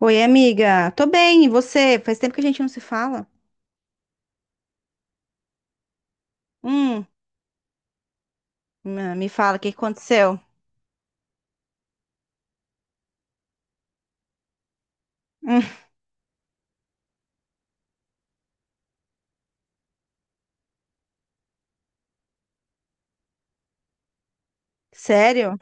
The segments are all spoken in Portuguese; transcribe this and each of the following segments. Oi, amiga. Tô bem, e você? Faz tempo que a gente não se fala. Hum, me fala, o que aconteceu? Hum, sério?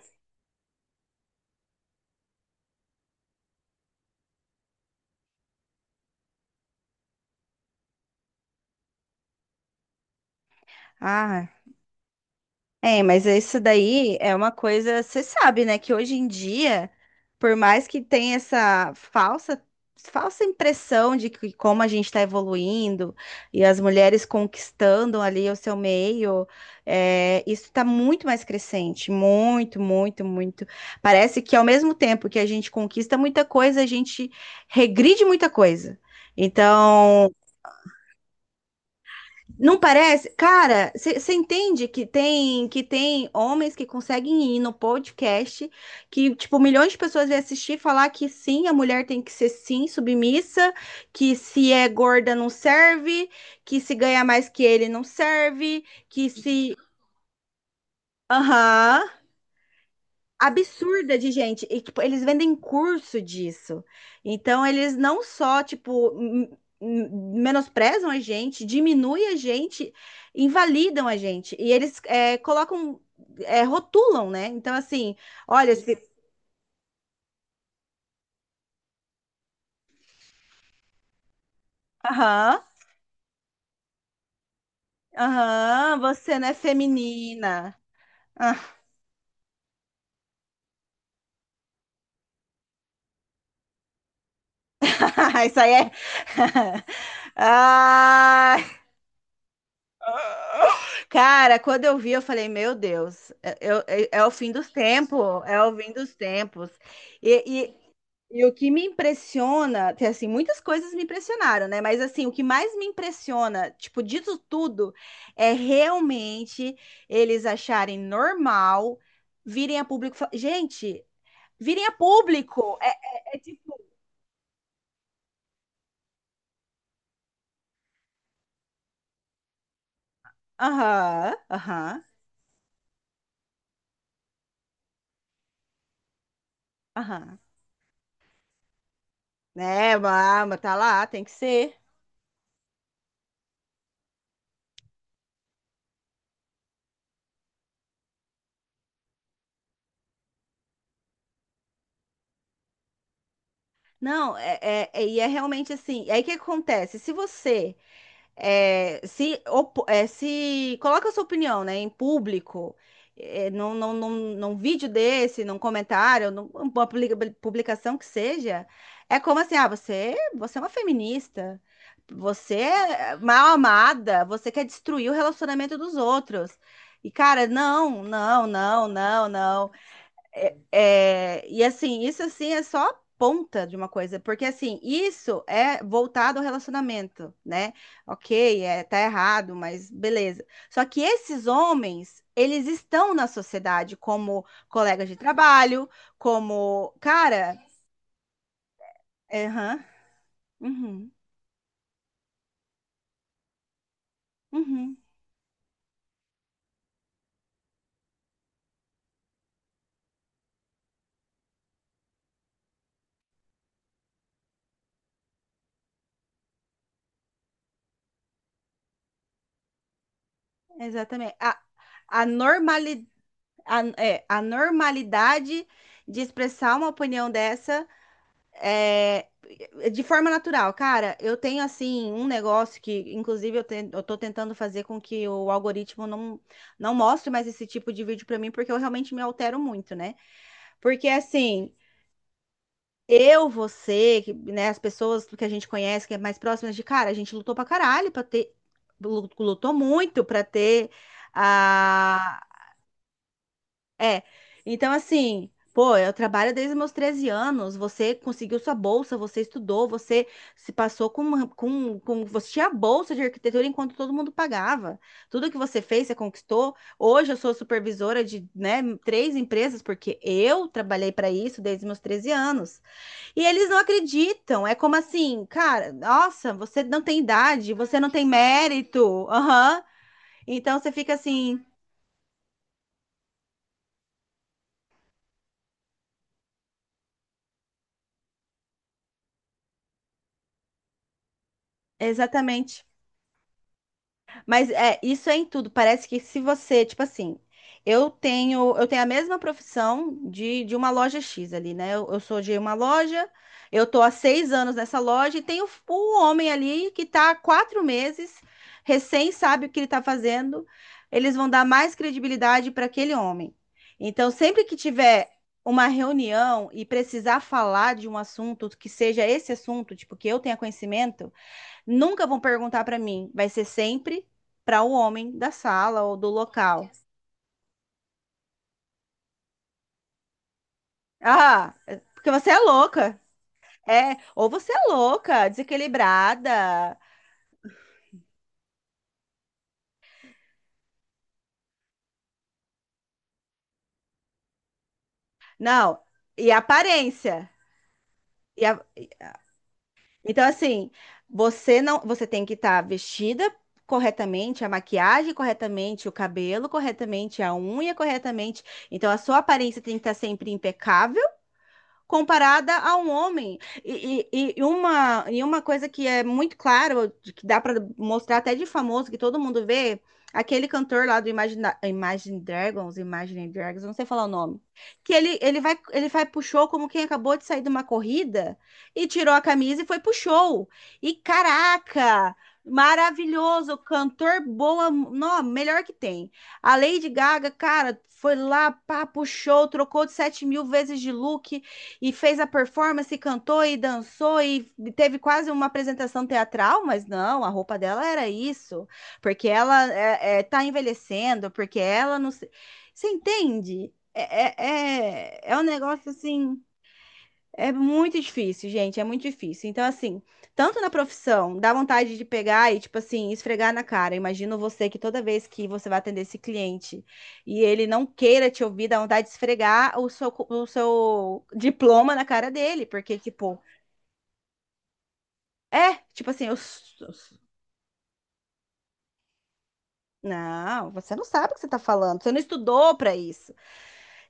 Ah, é, mas isso daí é uma coisa, você sabe, né, que hoje em dia, por mais que tenha essa falsa impressão de que como a gente está evoluindo e as mulheres conquistando ali o seu meio, é, isso está muito mais crescente, muito, muito, muito. Parece que ao mesmo tempo que a gente conquista muita coisa, a gente regride muita coisa. Então, não parece? Cara, você entende que tem homens que conseguem ir no podcast, que tipo milhões de pessoas iam assistir e falar que sim, a mulher tem que ser sim submissa, que se é gorda não serve, que se ganha mais que ele não serve, que se aham, absurda de gente. E, tipo, eles vendem curso disso. Então, eles não só, tipo, m- menosprezam a gente, diminuem a gente, invalidam a gente. E eles colocam, rotulam, né? Então, assim, olha, se... aham, aham, você não é feminina. Isso aí é... Ah, cara, quando eu vi, eu falei, meu Deus, é o fim dos tempos, é o fim dos tempos. E, e, e o que me impressiona, que, assim, muitas coisas me impressionaram, né? Mas assim, o que mais me impressiona, tipo, disso tudo, é realmente eles acharem normal virem a público. Gente, virem a público! É tipo, aham, aham, aham. Né, mas tá lá, tem que ser. Não, é, é- é- e é realmente assim. E aí o que acontece? Se você se, se coloca a sua opinião, né, em público, num vídeo desse, num comentário, numa publicação que seja, é como assim, ah, você é uma feminista, você é mal amada, você quer destruir o relacionamento dos outros. E, cara, não. É, é, e assim, isso é só a ponta de uma coisa, porque assim, isso é voltado ao relacionamento, né? Ok, é, tá errado, mas beleza. Só que esses homens, eles estão na sociedade como colegas de trabalho, como, cara, é, aham, uhum, uhum, exatamente. A normali, a normalidade de expressar uma opinião dessa, é, de forma natural, cara, eu tenho assim um negócio que, inclusive, eu tô tentando fazer com que o algoritmo não, não mostre mais esse tipo de vídeo pra mim, porque eu realmente me altero muito, né? Porque assim, eu, você, que, né, as pessoas que a gente conhece, que é mais próximas de cara, a gente lutou pra caralho pra ter, lutou muito pra ter a é. Então, assim, pô, eu trabalho desde meus 13 anos. Você conseguiu sua bolsa, você estudou, você se passou com. Você tinha a bolsa de arquitetura enquanto todo mundo pagava. Tudo que você fez, você conquistou. Hoje eu sou supervisora de, né, três empresas, porque eu trabalhei para isso desde meus 13 anos. E eles não acreditam. É como assim, cara, nossa, você não tem idade, você não tem mérito. Aham. Então você fica assim, exatamente. Mas é, isso é em tudo. Parece que se você, tipo assim, eu tenho a mesma profissão de uma loja X ali, né? Eu sou de uma loja, eu tô há 6 anos nessa loja e tem o homem ali que tá há 4 meses, recém sabe o que ele tá fazendo. Eles vão dar mais credibilidade para aquele homem. Então, sempre que tiver uma reunião e precisar falar de um assunto que seja esse assunto, tipo, que eu tenha conhecimento, nunca vão perguntar para mim, vai ser sempre para o homem da sala ou do local. Ah, é, porque você é louca. É, ou você é louca, desequilibrada. Não, e a aparência. E a- Então assim, você não, você tem que estar vestida corretamente, a maquiagem corretamente, o cabelo corretamente, a unha corretamente. Então a sua aparência tem que estar sempre impecável comparada a um homem. E uma coisa que é muito claro, que dá para mostrar até de famoso, que todo mundo vê, aquele cantor lá do Imagine Dragons, eu não sei falar o nome, que ele vai pro show como quem acabou de sair de uma corrida e tirou a camisa e foi pro show. E caraca! Maravilhoso, cantor boa, não, melhor que tem. A Lady Gaga, cara, foi lá, pá, puxou, trocou de 7 mil vezes de look, e fez a performance, e cantou e dançou e teve quase uma apresentação teatral, mas não, a roupa dela era isso, porque tá envelhecendo, porque ela Você entende? É um negócio assim. É muito difícil, gente, é muito difícil. Então, assim, tanto na profissão, dá vontade de pegar e, tipo assim, esfregar na cara. Imagino você que toda vez que você vai atender esse cliente e ele não queira te ouvir, dá vontade de esfregar o seu diploma na cara dele, porque, tipo, é, tipo assim, não, você não sabe o que você tá falando, você não estudou pra isso.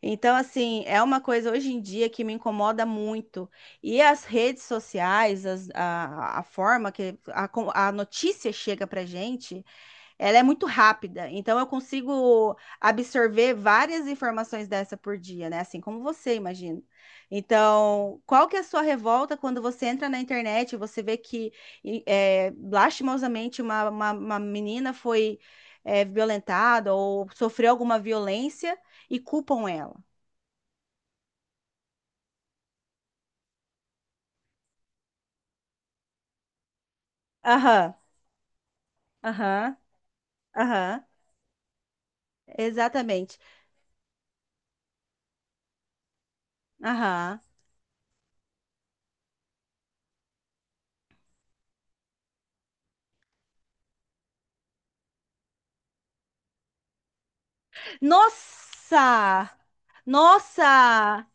Então, assim, é uma coisa hoje em dia que me incomoda muito. E as redes sociais, a forma que a notícia chega pra gente, ela é muito rápida. Então, eu consigo absorver várias informações dessa por dia, né? Assim como você, imagino. Então, qual que é a sua revolta quando você entra na internet e você vê que, é, lastimosamente, uma menina foi, é, violentada ou sofreu alguma violência e culpam ela? Aham, aham, aham, exatamente. Aham. Nossa! Nossa!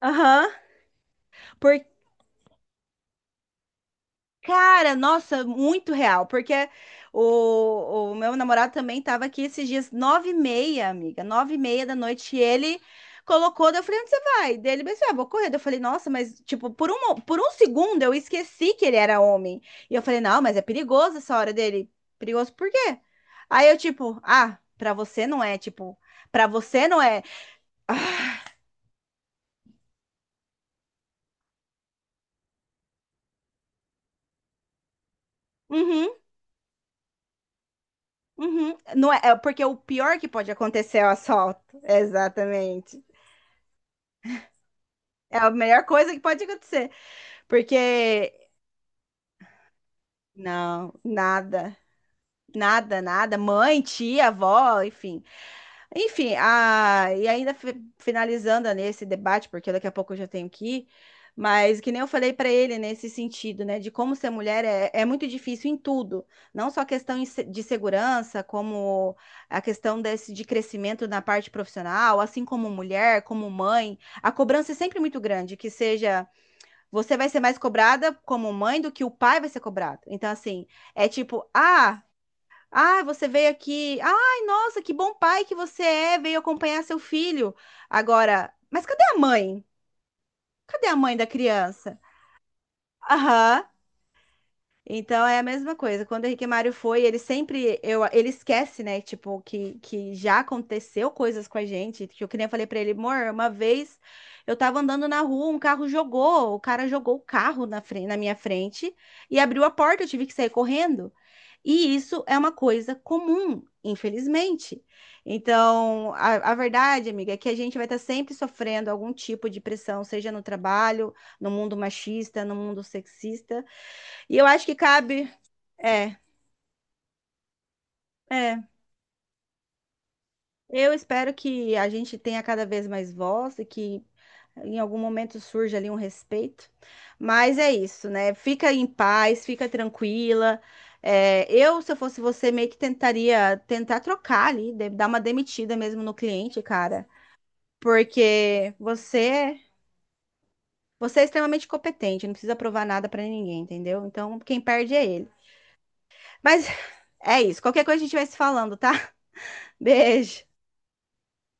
Aham. Cara, nossa, muito real, porque o meu namorado também estava aqui esses dias, 9h30, amiga, 9h30 da noite, e ele colocou, daí eu falei, onde você vai? Daí ele pensou, ah, vou correr. Daí eu falei, nossa, mas, tipo, por um segundo eu esqueci que ele era homem, e eu falei, não, mas é perigoso essa hora dele, perigoso por quê? Aí eu, tipo, ah, pra você não é, tipo, pra você não é, uhum, uhum, não é, é porque o pior que pode acontecer é o assalto, exatamente. É a melhor coisa que pode acontecer. Porque, não, nada. Nada, nada. Mãe, tia, avó, enfim. Enfim, a... e ainda fi- finalizando nesse debate, porque daqui a pouco eu já tenho que ir, mas que nem eu falei para ele nesse sentido, né, de como ser mulher é muito difícil em tudo, não só a questão de segurança, como a questão desse de crescimento na parte profissional, assim como mulher, como mãe, a cobrança é sempre muito grande, que seja. Você vai ser mais cobrada como mãe do que o pai vai ser cobrado. Então, assim, é tipo, ah, ah, você veio aqui. Ai, nossa, que bom pai que você é, veio acompanhar seu filho. Agora, mas cadê a mãe? Cadê a mãe da criança? Aham, então é a mesma coisa. Quando o Henrique Mário foi, ele sempre eu, ele esquece, né? Tipo, que já aconteceu coisas com a gente. Que eu que nem eu falei pra ele, amor, uma vez eu tava andando na rua, um carro jogou, o cara jogou o carro na frente, na minha frente e abriu a porta, eu tive que sair correndo. E isso é uma coisa comum, infelizmente. Então, a verdade, amiga, é que a gente vai estar sempre sofrendo algum tipo de pressão, seja no trabalho, no mundo machista, no mundo sexista. E eu acho que cabe. É, é. Eu espero que a gente tenha cada vez mais voz e que em algum momento surge ali um respeito. Mas é isso, né? Fica em paz, fica tranquila. É, eu, se eu fosse você, meio que tentaria tentar trocar ali, dar uma demitida mesmo no cliente, cara. Porque você, você é extremamente competente, não precisa provar nada pra ninguém, entendeu? Então, quem perde é ele. Mas é isso. Qualquer coisa a gente vai se falando, tá? Beijo.